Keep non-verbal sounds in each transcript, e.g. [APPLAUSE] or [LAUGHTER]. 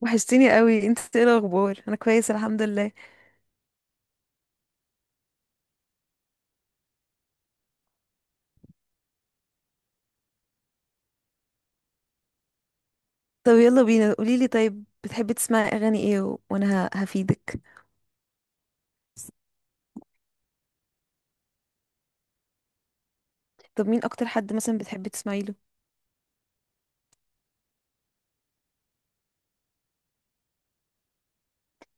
وحشتيني قوي، انت ايه الاخبار؟ انا كويس الحمد لله. طب يلا بينا، قوليلي طيب، بتحبي تسمعي اغاني ايه وانا هفيدك. طب مين اكتر حد مثلا بتحبي تسمعي له؟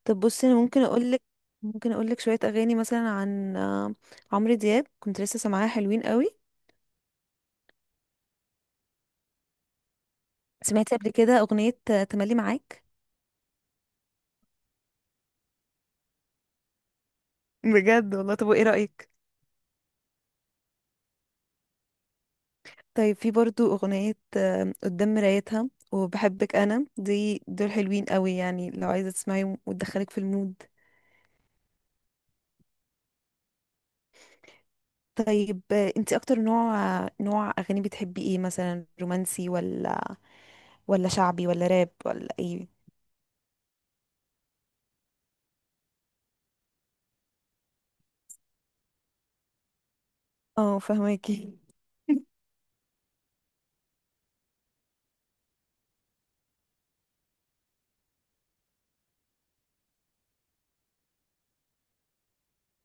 طب بصي انا ممكن اقولك. ممكن اقولك شويه اغاني مثلا عن عمرو دياب، كنت لسه سامعاها، حلوين قوي. سمعتي قبل كده اغنيه تملي معاك؟ بجد والله. طب وايه رايك؟ طيب، في برضو اغنيه قدام مرايتها وبحبك انا، دي دول حلوين قوي، يعني لو عايزه تسمعيهم وتدخلك في المود. طيب، انت اكتر نوع اغاني بتحبي ايه؟ مثلا رومانسي ولا شعبي ولا راب ولا ايه؟ اه فهماكي.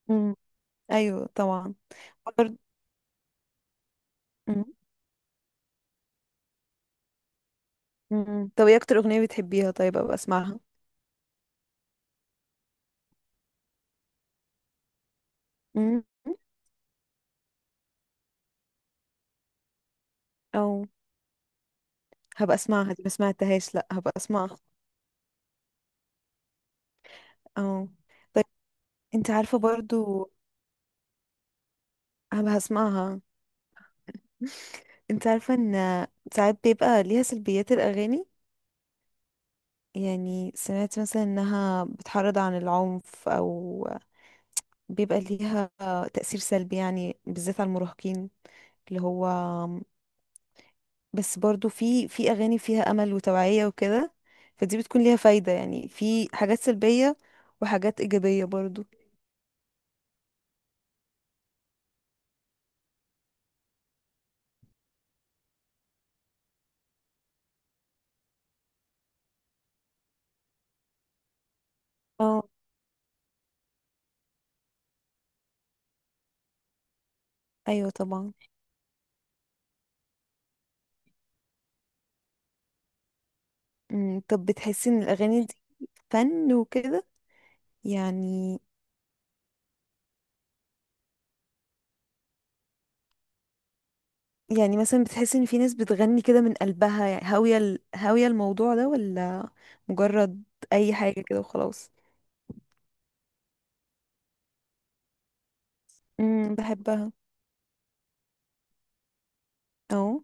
امم، ايوه طبعا. برضه- مم. مم. طب ايه اكتر اغنية بتحبيها؟ طيب ابقى اسمعها. امم. او. هبقى اسمعها، دي ما سمعتهاش، لا هبقى اسمعها. او طيب. انت عارفة برضو هبقى اسمعها. [LAUGHS] انت عارفة ان ساعات بيبقى ليها سلبيات، الاغاني؟ يعني سمعت مثلا انها بتحرض عن العنف، او بيبقى ليها تأثير سلبي، يعني بالذات على المراهقين. اللي هو بس برضو في اغاني فيها امل وتوعية وكده، فدي بتكون ليها فايدة. يعني في حاجات سلبية وحاجات ايجابية برضو. اه ايوه طبعا. طب بتحسي ان الاغاني دي فن وكده؟ يعني يعني مثلا بتحس ان في ناس بتغني كده من قلبها، يعني هاوية الموضوع ده، ولا مجرد اي حاجة كده وخلاص. امم، بحبها. اه.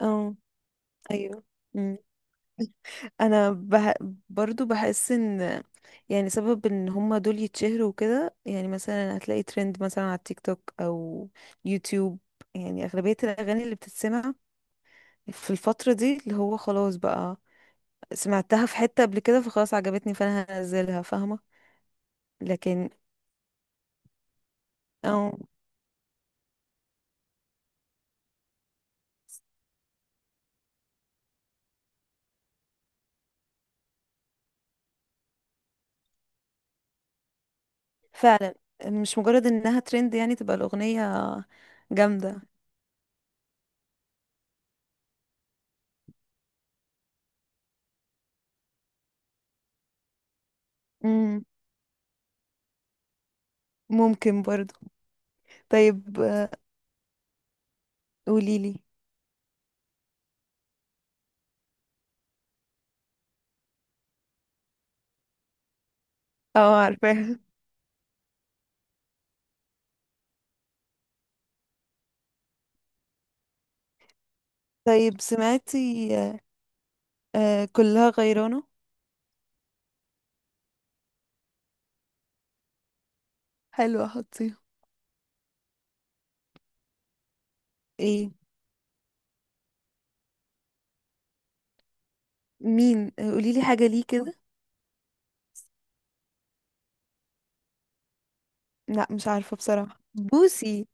اه ايوه امم. انا برضو بحس ان، يعني سبب ان هما دول يتشهروا وكده، يعني مثلا هتلاقي ترند مثلا على التيك توك او يوتيوب. يعني اغلبية الاغاني اللي بتتسمع في الفترة دي، اللي هو خلاص بقى سمعتها في حتة قبل كده، فخلاص عجبتني، فانا هنزلها. فاهمة؟ لكن اه فعلا، مش مجرد انها ترند يعني تبقى الاغنية جامدة. مم. ممكن برضو. طيب قوليلي. اه عارفاها. طيب سمعتي كلها غيرانة؟ حلوة، حطيها. ايه؟ مين؟ قوليلي حاجة، ليه كده؟ لا مش عارفة بصراحة بوسي.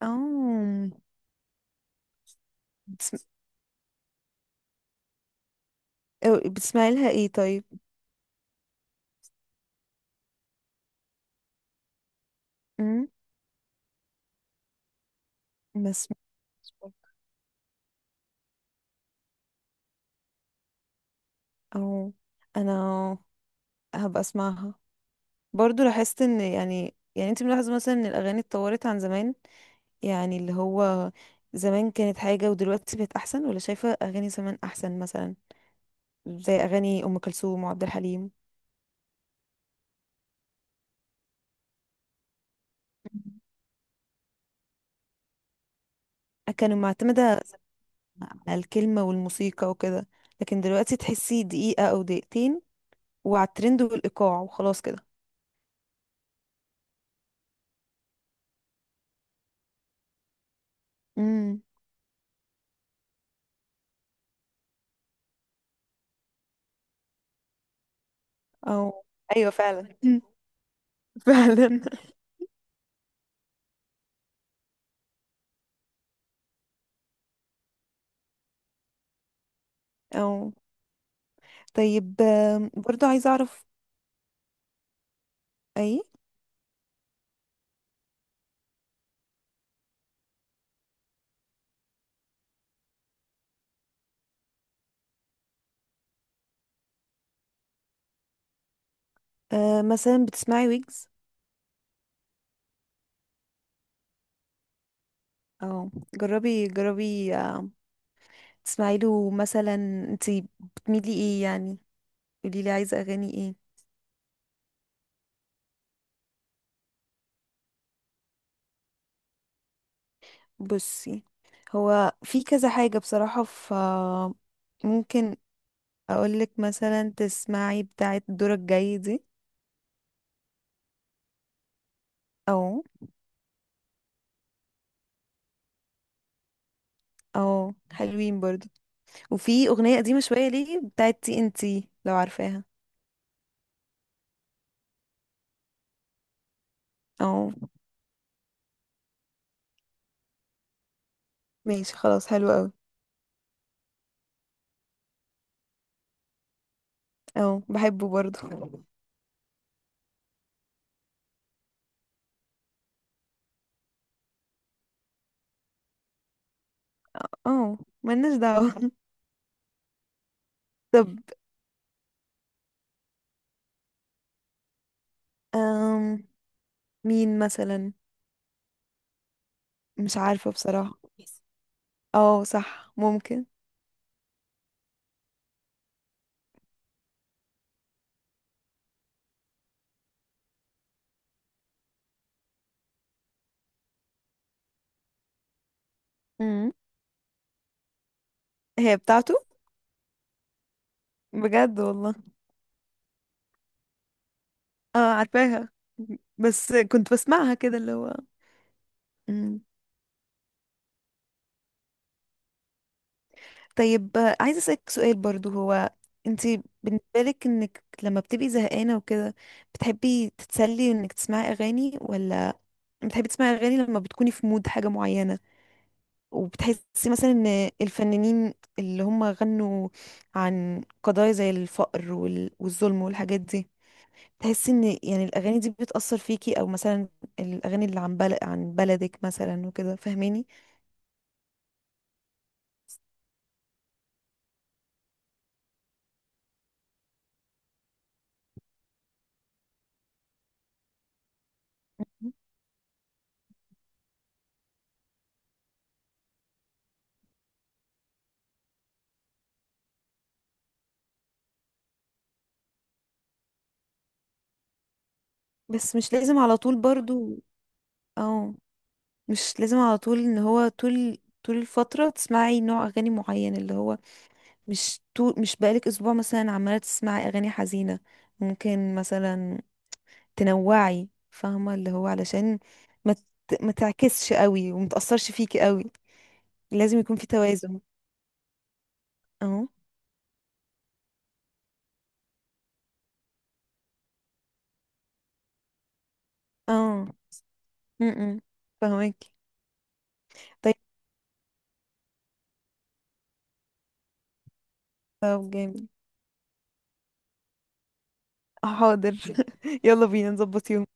اه. بتسم... بتسمعي لها ايه طيب؟ مم. ما سمعتش برضو. اه انا هبقى اسمعها. برضو لاحظت ان، يعني انت ملاحظة مثلا ان الاغاني اتطورت عن زمان؟ يعني اللي هو زمان كانت حاجة ودلوقتي بقت احسن، ولا شايفة اغاني زمان احسن مثلا، زي اغاني ام كلثوم وعبد الحليم؟ كانوا معتمدة على الكلمة والموسيقى وكده، لكن دلوقتي تحسي دقيقة او دقيقتين، وعلى الترند والايقاع وخلاص كده. امم. او. ايوه فعلا. مم. [LAUGHS] فعلا. او. طيب برضو عايزة اعرف. اي، مثلا بتسمعي ويجز؟ اه جربي جربي، تسمعي له مثلا. انتي بتميلي ايه يعني؟ قولي لي عايزه اغاني ايه. بصي هو في كذا حاجه بصراحه، ف ممكن اقولك مثلا تسمعي بتاعه دورك جاي دي. او. او حلوين برضو. وفي اغنيه قديمه شويه ليه بتاعه تي ان تي، لو عارفاها. او ماشي خلاص حلو قوي. او بحبه برضو. او ملناش دعوه. [LAUGHS] طب أم مين مثلا؟ مش عارفة بصراحة. اه صح ممكن. امم. هي بتاعته؟ بجد والله. اه عارفاها بس كنت بسمعها كده، اللي هو. مم. طيب عايزة أسألك سؤال برضو. هو انتي بالنسبة لك، انك لما بتبقي زهقانة وكده، بتحبي تتسلي انك تسمعي اغاني، ولا بتحبي تسمعي اغاني لما بتكوني في مود حاجة معينة؟ وبتحسي مثلا ان الفنانين اللي هم غنوا عن قضايا زي الفقر والظلم والحاجات دي، تحسي ان يعني الاغاني دي بتأثر فيكي؟ او مثلا الاغاني اللي عن بلد، عن بلدك مثلا وكده، فاهماني؟ بس مش لازم على طول برضو. او مش لازم على طول، ان هو طول طول الفترة تسمعي نوع اغاني معين، اللي هو مش طول، مش بقالك اسبوع مثلا عمالة تسمعي اغاني حزينة، ممكن مثلا تنوعي فاهمة؟ اللي هو علشان ما ما تعكسش قوي وما تأثرش فيكي قوي. لازم يكون في توازن. اهو. اه م- م. فاهمك. طب جامد، حاضر. [LAUGHS] يلا بينا نظبط يوم.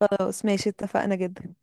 خلاص ماشي، اتفقنا جدا.